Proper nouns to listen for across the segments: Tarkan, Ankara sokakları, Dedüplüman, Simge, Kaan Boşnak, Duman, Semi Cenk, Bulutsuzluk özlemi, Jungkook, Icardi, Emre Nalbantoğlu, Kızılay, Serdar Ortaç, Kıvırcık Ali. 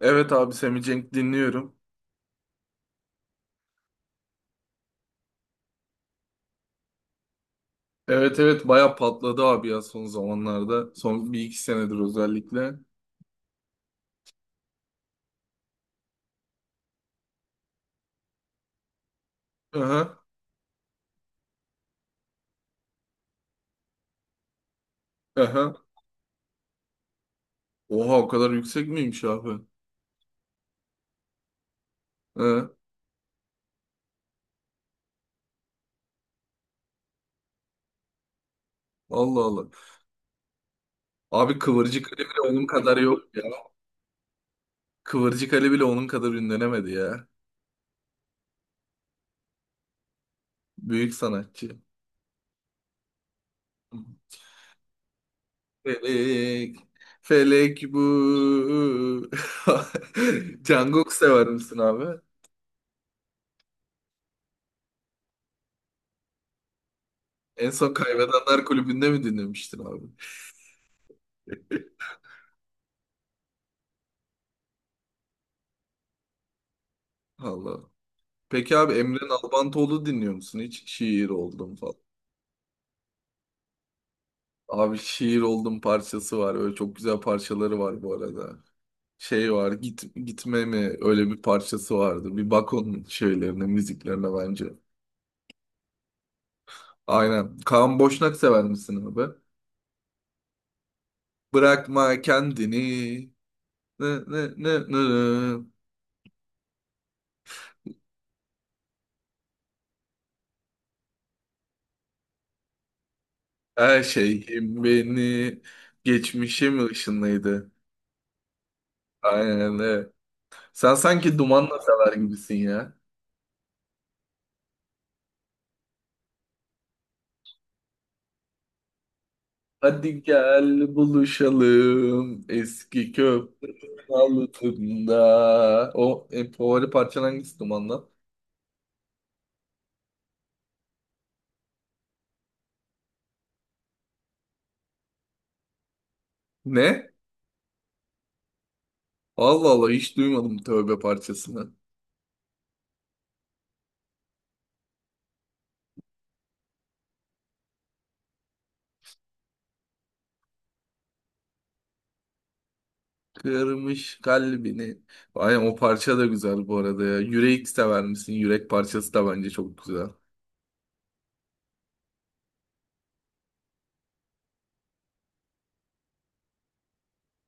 Evet abi Semi Cenk dinliyorum. Evet, evet, baya patladı abi ya son zamanlarda. Son bir iki senedir özellikle. Aha, aha. Oha, o kadar yüksek miymiş abi? Hı. Allah Allah. Abi Kıvırcık Ali bile onun kadar yok ya. Kıvırcık Ali bile onun kadar ünlenemedi ya. Büyük sanatçı. Felek. Felek bu. Jungkook sever misin abi? En son Kaybedenler Kulübü'nde mi dinlemiştin abi? Allah. Peki abi Emre Nalbantoğlu dinliyor musun? Hiç şiir oldum falan. Abi şiir oldum parçası var. Öyle çok güzel parçaları var bu arada. Şey var, gitme mi öyle bir parçası vardı. Bir bak onun şeylerine, müziklerine bence. Aynen. Kaan Boşnak sever misin abi? Bırakma kendini. Nı, nı, nı, nı. Her şeyim beni. Geçmişim ışınlıydı. Aynen öyle. Sen sanki Dumanla sever gibisin ya. Hadi gel buluşalım eski köprü altında. O en favori parçan hangisi Duman'dan? Ne? Allah Allah, hiç duymadım tövbe parçasını. Kırmış kalbini. Aynen o parça da güzel bu arada ya. Yürek sever misin? Yürek parçası da bence çok güzel.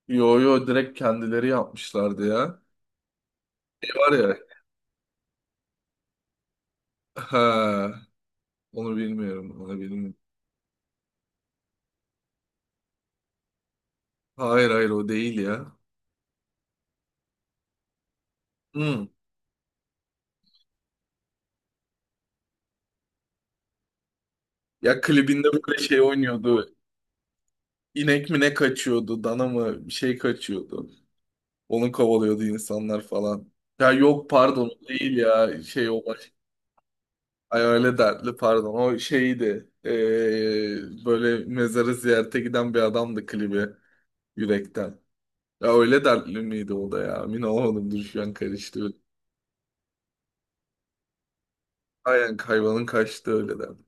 Yo, yo, direkt kendileri yapmışlardı ya. Şey var ya. Ha, onu bilmiyorum. Onu bilmiyorum. Hayır, hayır, o değil ya. Hmm. Ya klibinde böyle şey oynuyordu. İnek mi ne kaçıyordu, dana mı bir şey kaçıyordu. Onu kovalıyordu insanlar falan. Ya yok, pardon, o değil ya, şey, o baş... Ay, öyle dertli, pardon, o şeydi. Böyle mezarı ziyarete giden bir adamdı klibi yürekten. Ya öyle dertli miydi o da ya? Emin olamadım, dur, şu an karıştı. Aynen hayvanın kaçtı öyle derdi.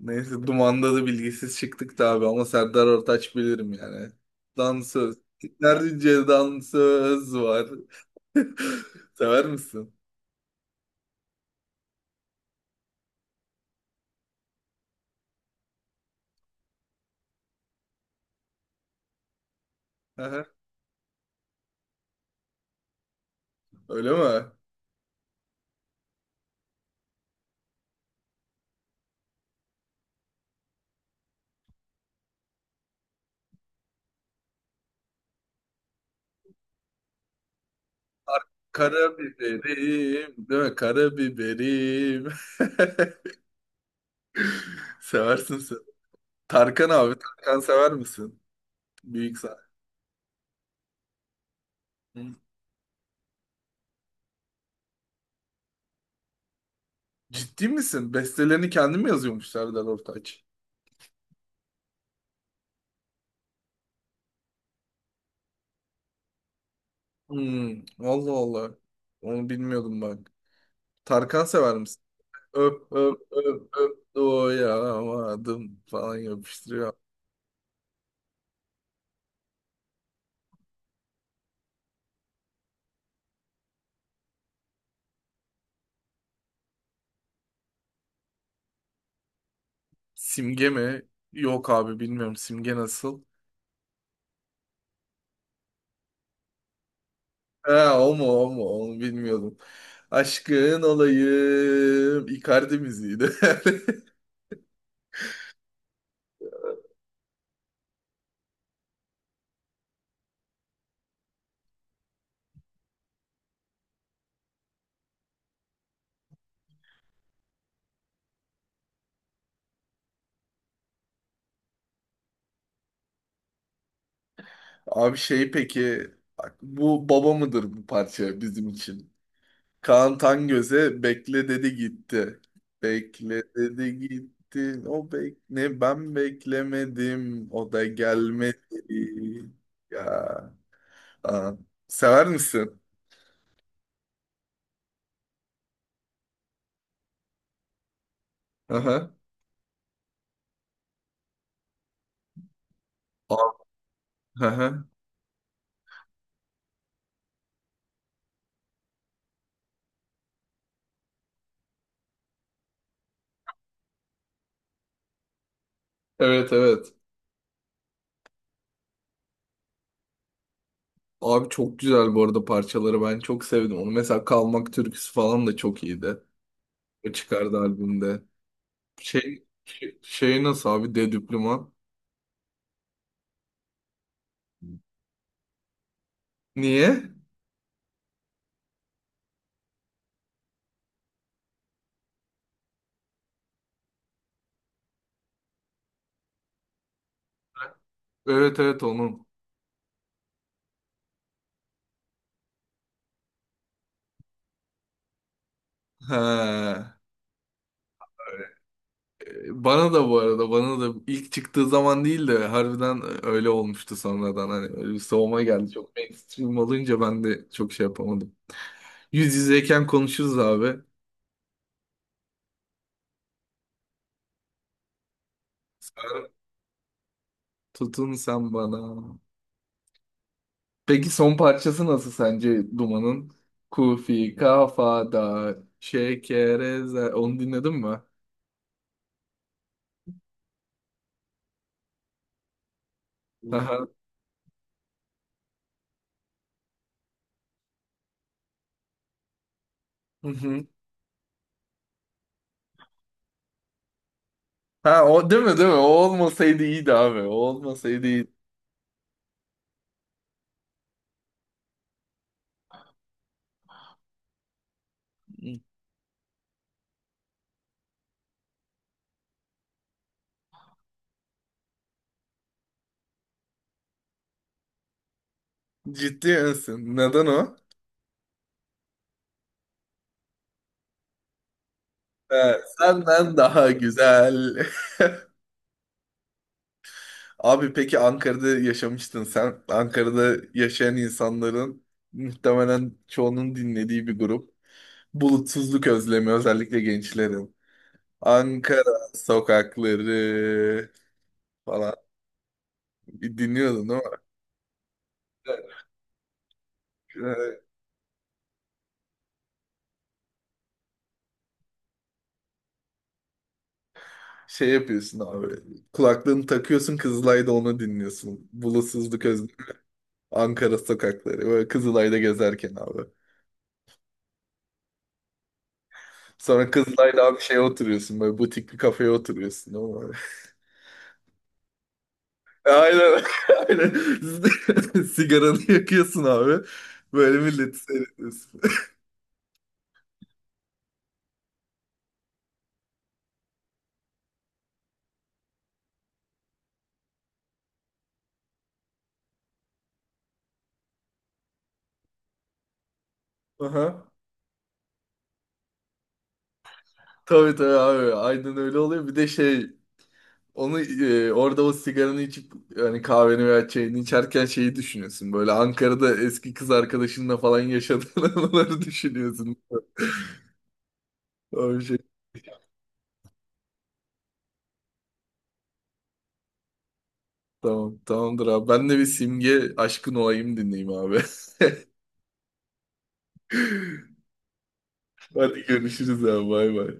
Neyse Duman'da da bilgisiz çıktık da abi, ama Serdar Ortaç bilirim yani. Dansöz. Nerede Ceydan var. Sever misin? Aha, öyle mi? Karabiberim, değil mi? Karabiberim. Seversin sen. Tarkan abi, Tarkan sever misin? Büyük sahne. Hı. Ciddi misin? Bestelerini kendim yazıyormuş Serdar Ortaç. Hmm, Allah Allah. Onu bilmiyordum bak. Tarkan sever misin? Öp öp öp öp doyamadım falan yapıştırıyor. Simge mi? Yok abi, bilmiyorum. Simge nasıl? Ha, o mu, o mu, onu bilmiyordum. Aşkın olayım. Icardi müziğiydi. Abi şey peki bak, bu baba mıdır bu parça bizim için? Kaan Tangöz'e bekle dedi gitti. Bekle dedi gitti. O ne, ben beklemedim. O da gelmedi. Ya. Aa. Sever misin? Aha. Aa. Aha. Evet, evet. Abi çok güzel bu arada parçaları, ben çok sevdim. Onu mesela, Kalmak türküsü falan da çok iyiydi. O çıkardı albümde. Şey nasıl abi Dedüplüman? Niye? Evet, evet, onun. He. Bana da bu arada, bana da ilk çıktığı zaman değil de harbiden öyle olmuştu sonradan. Hani öyle bir soğuma geldi. Çok mainstream olunca ben de çok şey yapamadım. Yüz yüzeyken konuşuruz abi. Tutun sen bana. Peki son parçası nasıl sence Duman'ın? Kufi kafada şekereze. Onu dinledin mi? Aha. Hı hı. Ha, o değil mi, değil mi? O olmasaydı iyiydi abi. O olmasaydı iyiydi. Ciddi misin? Neden o? Ha, senden daha güzel. Abi peki Ankara'da yaşamıştın sen. Ankara'da yaşayan insanların muhtemelen çoğunun dinlediği bir grup. Bulutsuzluk Özlemi, özellikle gençlerin. Ankara sokakları falan bir dinliyordun değil mi? Evet. Şey yapıyorsun abi. Kulaklığını takıyorsun, Kızılay'da onu dinliyorsun. Bulutsuzluk özlem. Ankara sokakları. Böyle Kızılay'da gezerken abi. Sonra Kızılay'da abi şeye oturuyorsun. Böyle butik bir kafeye oturuyorsun. Aynen. Aynen. Sigaranı yakıyorsun abi. Böyle milleti seyrediyorsun. Aha. Tabii, tabii abi. Aynen öyle oluyor. Bir de şey, onu, orada o sigaranı içip hani kahveni veya çayını içerken şeyi düşünüyorsun. Böyle Ankara'da eski kız arkadaşınla falan yaşadığın anıları düşünüyorsun. Öyle şey. Tamam, tamamdır abi. Ben de bir Simge Aşkın Olayım dinleyeyim abi. Hadi görüşürüz abi. Bay bay.